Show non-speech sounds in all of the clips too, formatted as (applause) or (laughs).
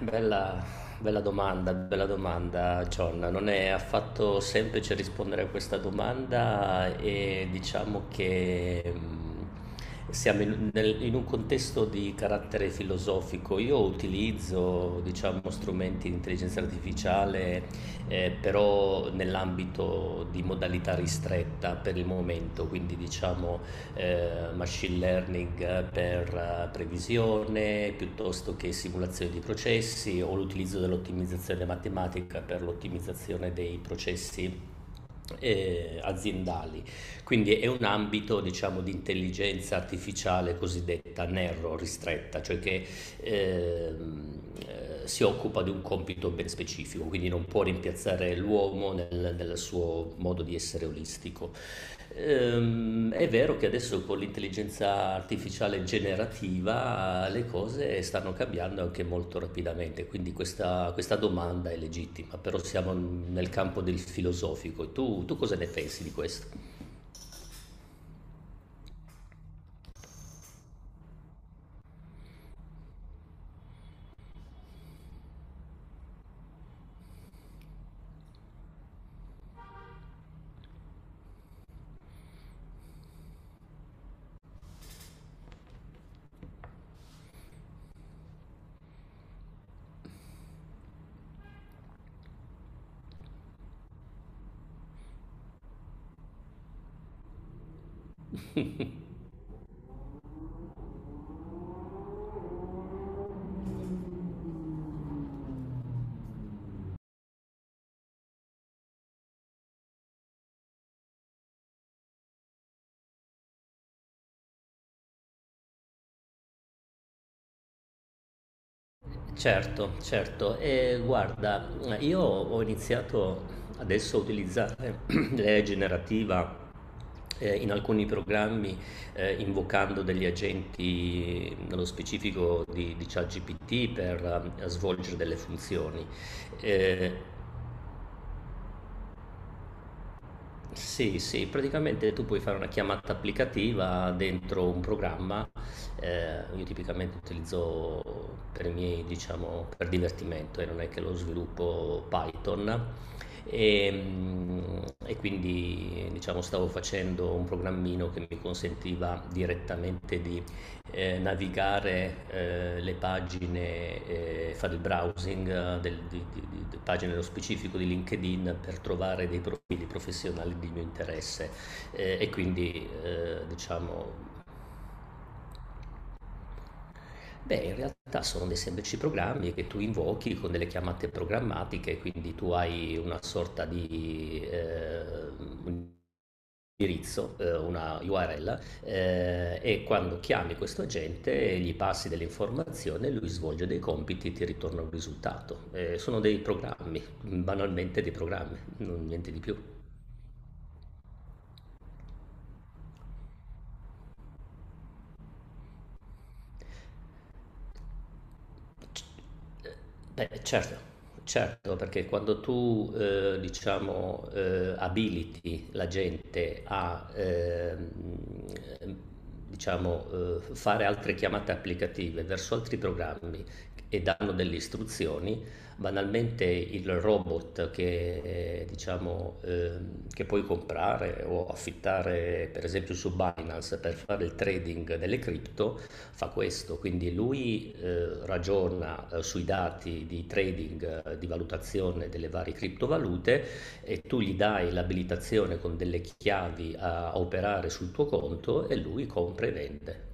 Bella, bella domanda, John. Non è affatto semplice rispondere a questa domanda e diciamo che siamo in un contesto di carattere filosofico. Io utilizzo, diciamo, strumenti di intelligenza artificiale, però nell'ambito di modalità ristretta per il momento, quindi diciamo machine learning per previsione piuttosto che simulazione di processi o l'utilizzo dell'ottimizzazione matematica per l'ottimizzazione dei processi aziendali. Quindi è un ambito diciamo, di intelligenza artificiale cosiddetta narrow, ristretta, cioè che ehm, si occupa di un compito ben specifico, quindi non può rimpiazzare l'uomo nel suo modo di essere olistico. È vero che adesso con l'intelligenza artificiale generativa le cose stanno cambiando anche molto rapidamente, quindi questa domanda è legittima, però siamo nel campo del filosofico. Tu cosa ne pensi di questo? Certo, certo. E guarda, io ho iniziato adesso a utilizzare (clears throat) l'IA generativa in alcuni programmi invocando degli agenti, nello specifico di ChatGPT, per svolgere delle funzioni. Eh, Sì, sì, praticamente tu puoi fare una chiamata applicativa dentro un programma. Io tipicamente utilizzo per i miei, diciamo, per divertimento e non è che lo sviluppo Python. E, mm, e quindi, diciamo, stavo facendo un programmino che mi consentiva direttamente di navigare le pagine, fare il browsing del, di pagine nello specifico di LinkedIn per trovare dei profili professionali di mio interesse e quindi diciamo. Beh, in realtà sono dei semplici programmi che tu invochi con delle chiamate programmatiche, quindi tu hai una sorta di un indirizzo, una URL, e quando chiami questo agente gli passi delle informazioni, lui svolge dei compiti e ti ritorna un risultato. Sono dei programmi, banalmente dei programmi, non niente di più. Beh, certo, certo, perché quando tu, diciamo, abiliti la gente a, diciamo, fare altre chiamate applicative verso altri programmi e danno delle istruzioni, banalmente il robot che puoi comprare o affittare, per esempio, su Binance per fare il trading delle cripto, fa questo, quindi lui ragiona sui dati di trading, di valutazione delle varie criptovalute e tu gli dai l'abilitazione con delle chiavi a operare sul tuo conto e lui compra e vende.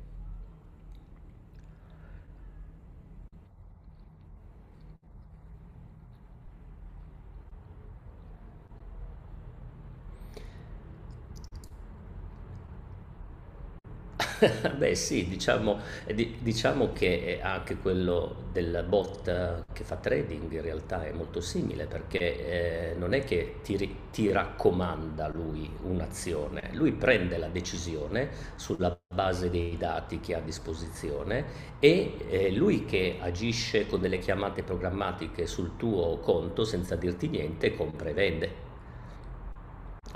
(laughs) Beh sì, diciamo, diciamo che anche quello della bot che fa trading in realtà è molto simile perché non è che ti raccomanda lui un'azione, lui prende la decisione sulla base dei dati che ha a disposizione e lui che agisce con delle chiamate programmatiche sul tuo conto senza dirti niente, compra e vende.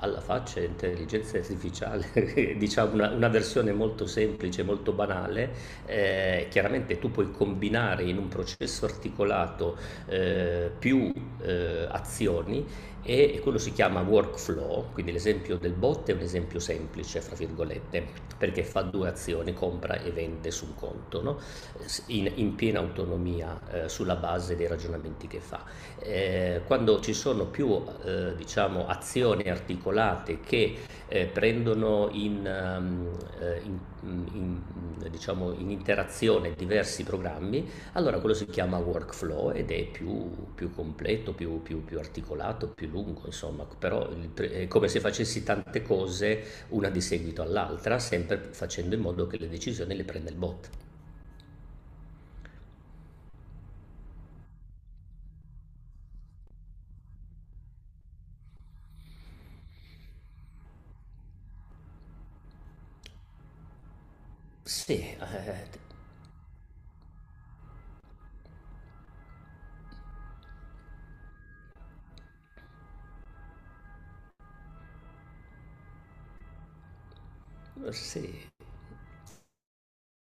Alla faccia intelligenza artificiale, (laughs) diciamo una versione molto semplice, molto banale, chiaramente tu puoi combinare in un processo articolato, più, azioni e quello si chiama workflow, quindi l'esempio del bot è un esempio "semplice" fra virgolette, perché fa due azioni, compra e vende su un conto, no, s in in piena autonomia, sulla base dei ragionamenti che fa. Quando ci sono più diciamo, azioni articolate che prendono diciamo, in interazione diversi programmi, allora quello si chiama workflow ed è più completo, più articolato, più lungo, insomma, però è come se facessi tante cose una di seguito all'altra, sempre facendo in modo che le decisioni le prenda il bot. Sì, sì,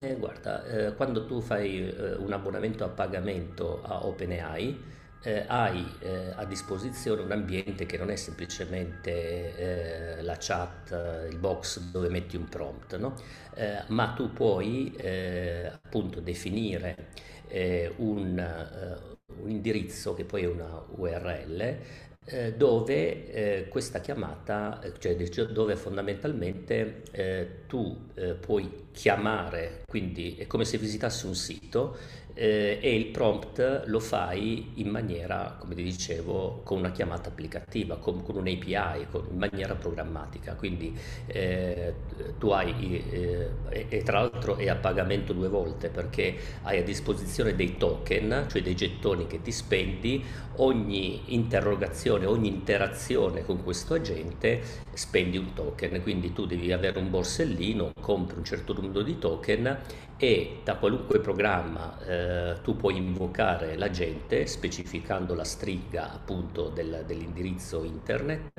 Guarda, quando tu fai un abbonamento a pagamento a OpenAI, hai a disposizione un ambiente che non è semplicemente la chat, il box dove metti un prompt, no? Ma tu puoi appunto definire eh, un, eh, un indirizzo che poi è una URL dove questa chiamata, dove fondamentalmente tu puoi chiamare, quindi è come se visitassi un sito e il prompt lo fai in maniera, come ti dicevo, con una chiamata applicativa, con un'API, in maniera programmatica. Quindi eh, e tra l'altro è a pagamento due volte perché hai a disposizione dei token, cioè dei gettoni che ti spendi ogni interrogazione, ogni interazione con questo agente spendi un token, quindi tu devi avere un borsellino, compri un certo numero di token e da qualunque programma tu puoi invocare l'agente specificando la stringa appunto dell'indirizzo internet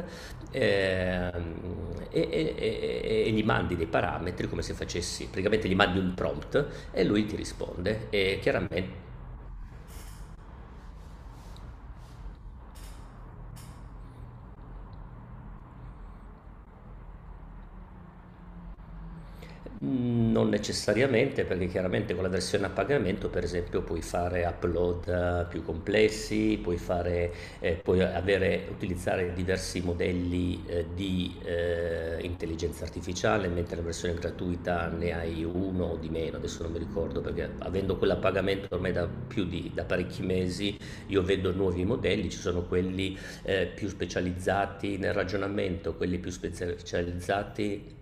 ehm, e gli mandi dei parametri come se facessi, praticamente gli mandi un prompt e lui ti risponde e chiaramente. Mm. Non necessariamente, perché chiaramente con la versione a pagamento, per esempio, puoi fare upload più complessi, puoi fare, puoi avere- utilizzare diversi modelli di intelligenza artificiale, mentre la versione gratuita ne hai uno o di meno, adesso non mi ricordo, perché avendo quella a pagamento ormai da più di da parecchi mesi, io vedo nuovi modelli, ci sono quelli più specializzati nel ragionamento, quelli più specializzati.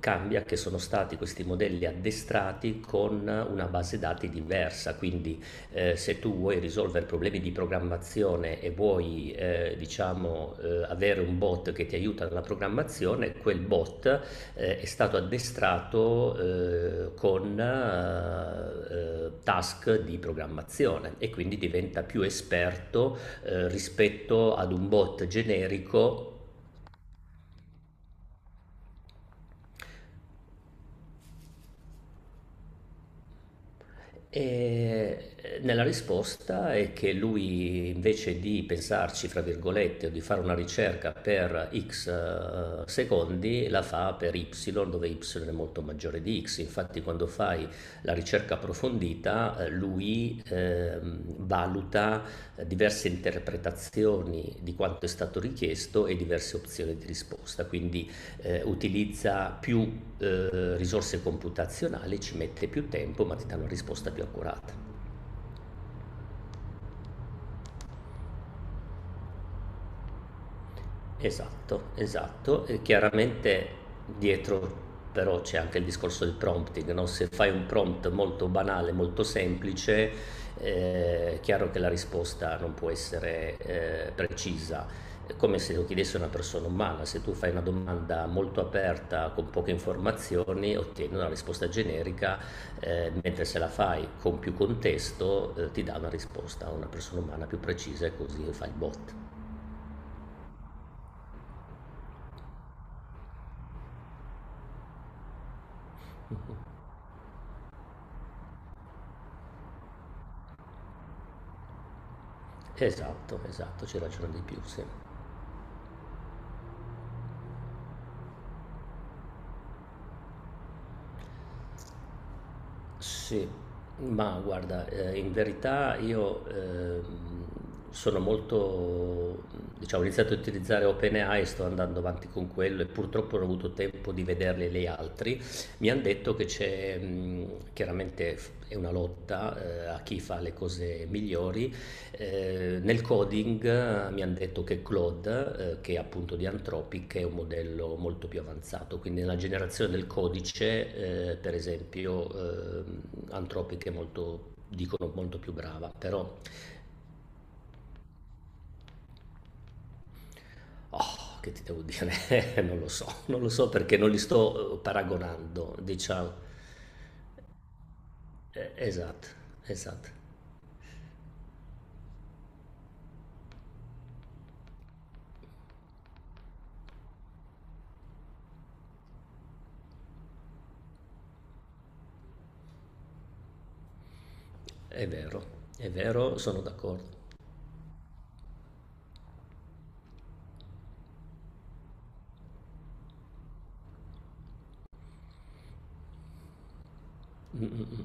Cambia che sono stati questi modelli addestrati con una base dati diversa, quindi se tu vuoi risolvere problemi di programmazione e vuoi diciamo, avere un bot che ti aiuta nella programmazione, quel bot è stato addestrato con task di programmazione e quindi diventa più esperto rispetto ad un bot generico. E nella risposta è che lui invece di pensarci, fra virgolette, o di fare una ricerca per x secondi, la fa per y, dove y è molto maggiore di x. Infatti quando fai la ricerca approfondita, lui valuta diverse interpretazioni di quanto è stato richiesto e diverse opzioni di risposta, quindi utilizza più risorse computazionali, ci mette più tempo ma ti dà una risposta più accurata. Esatto, esatto. E chiaramente dietro però c'è anche il discorso del prompting, no? Se fai un prompt molto banale, molto semplice, è chiaro che la risposta non può essere precisa. È come se lo chiedesse una persona umana. Se tu fai una domanda molto aperta, con poche informazioni, ottieni una risposta generica, mentre se la fai con più contesto, ti dà una risposta a una persona umana più precisa e così fa il bot. Esatto, esatto, c'è ragione di più, sì. Sì, ma guarda, in verità io sono molto, diciamo, ho iniziato a utilizzare OpenAI e sto andando avanti con quello e purtroppo non ho avuto tempo di vederli gli altri. Mi hanno detto che c'è, chiaramente è una lotta a chi fa le cose migliori. Nel coding mi hanno detto che Claude, che è appunto di Anthropic, è un modello molto più avanzato, quindi nella generazione del codice, per esempio, Anthropic è molto, dicono, molto più brava, però, oh, che ti devo dire? (laughs) Non lo so, non lo so perché non li sto paragonando, diciamo. Esatto, esatto, è vero, sono d'accordo. Mm,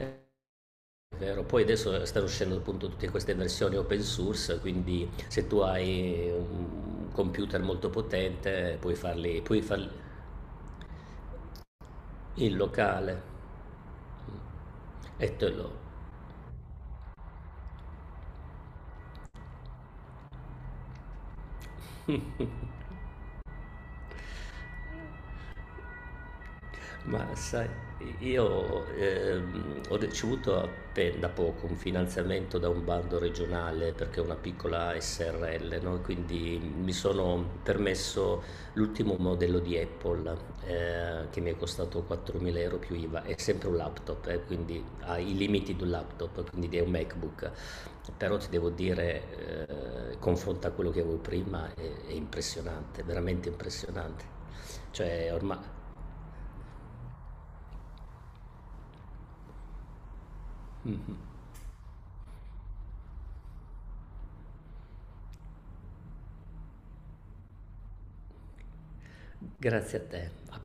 mm. Vero, poi adesso stanno uscendo appunto tutte queste versioni open source, quindi se tu hai un computer molto potente puoi farli in locale. Mm. e te lo, Ma sai, io ho ricevuto da poco un finanziamento da un bando regionale perché è una piccola SRL, no? Quindi mi sono permesso l'ultimo modello di Apple che mi è costato 4.000 euro più IVA. È sempre un laptop, quindi ha i limiti di un laptop, quindi è un MacBook. Però ti devo dire, confronto a quello che avevo prima, è impressionante, veramente impressionante. Cioè, ormai. Grazie a te.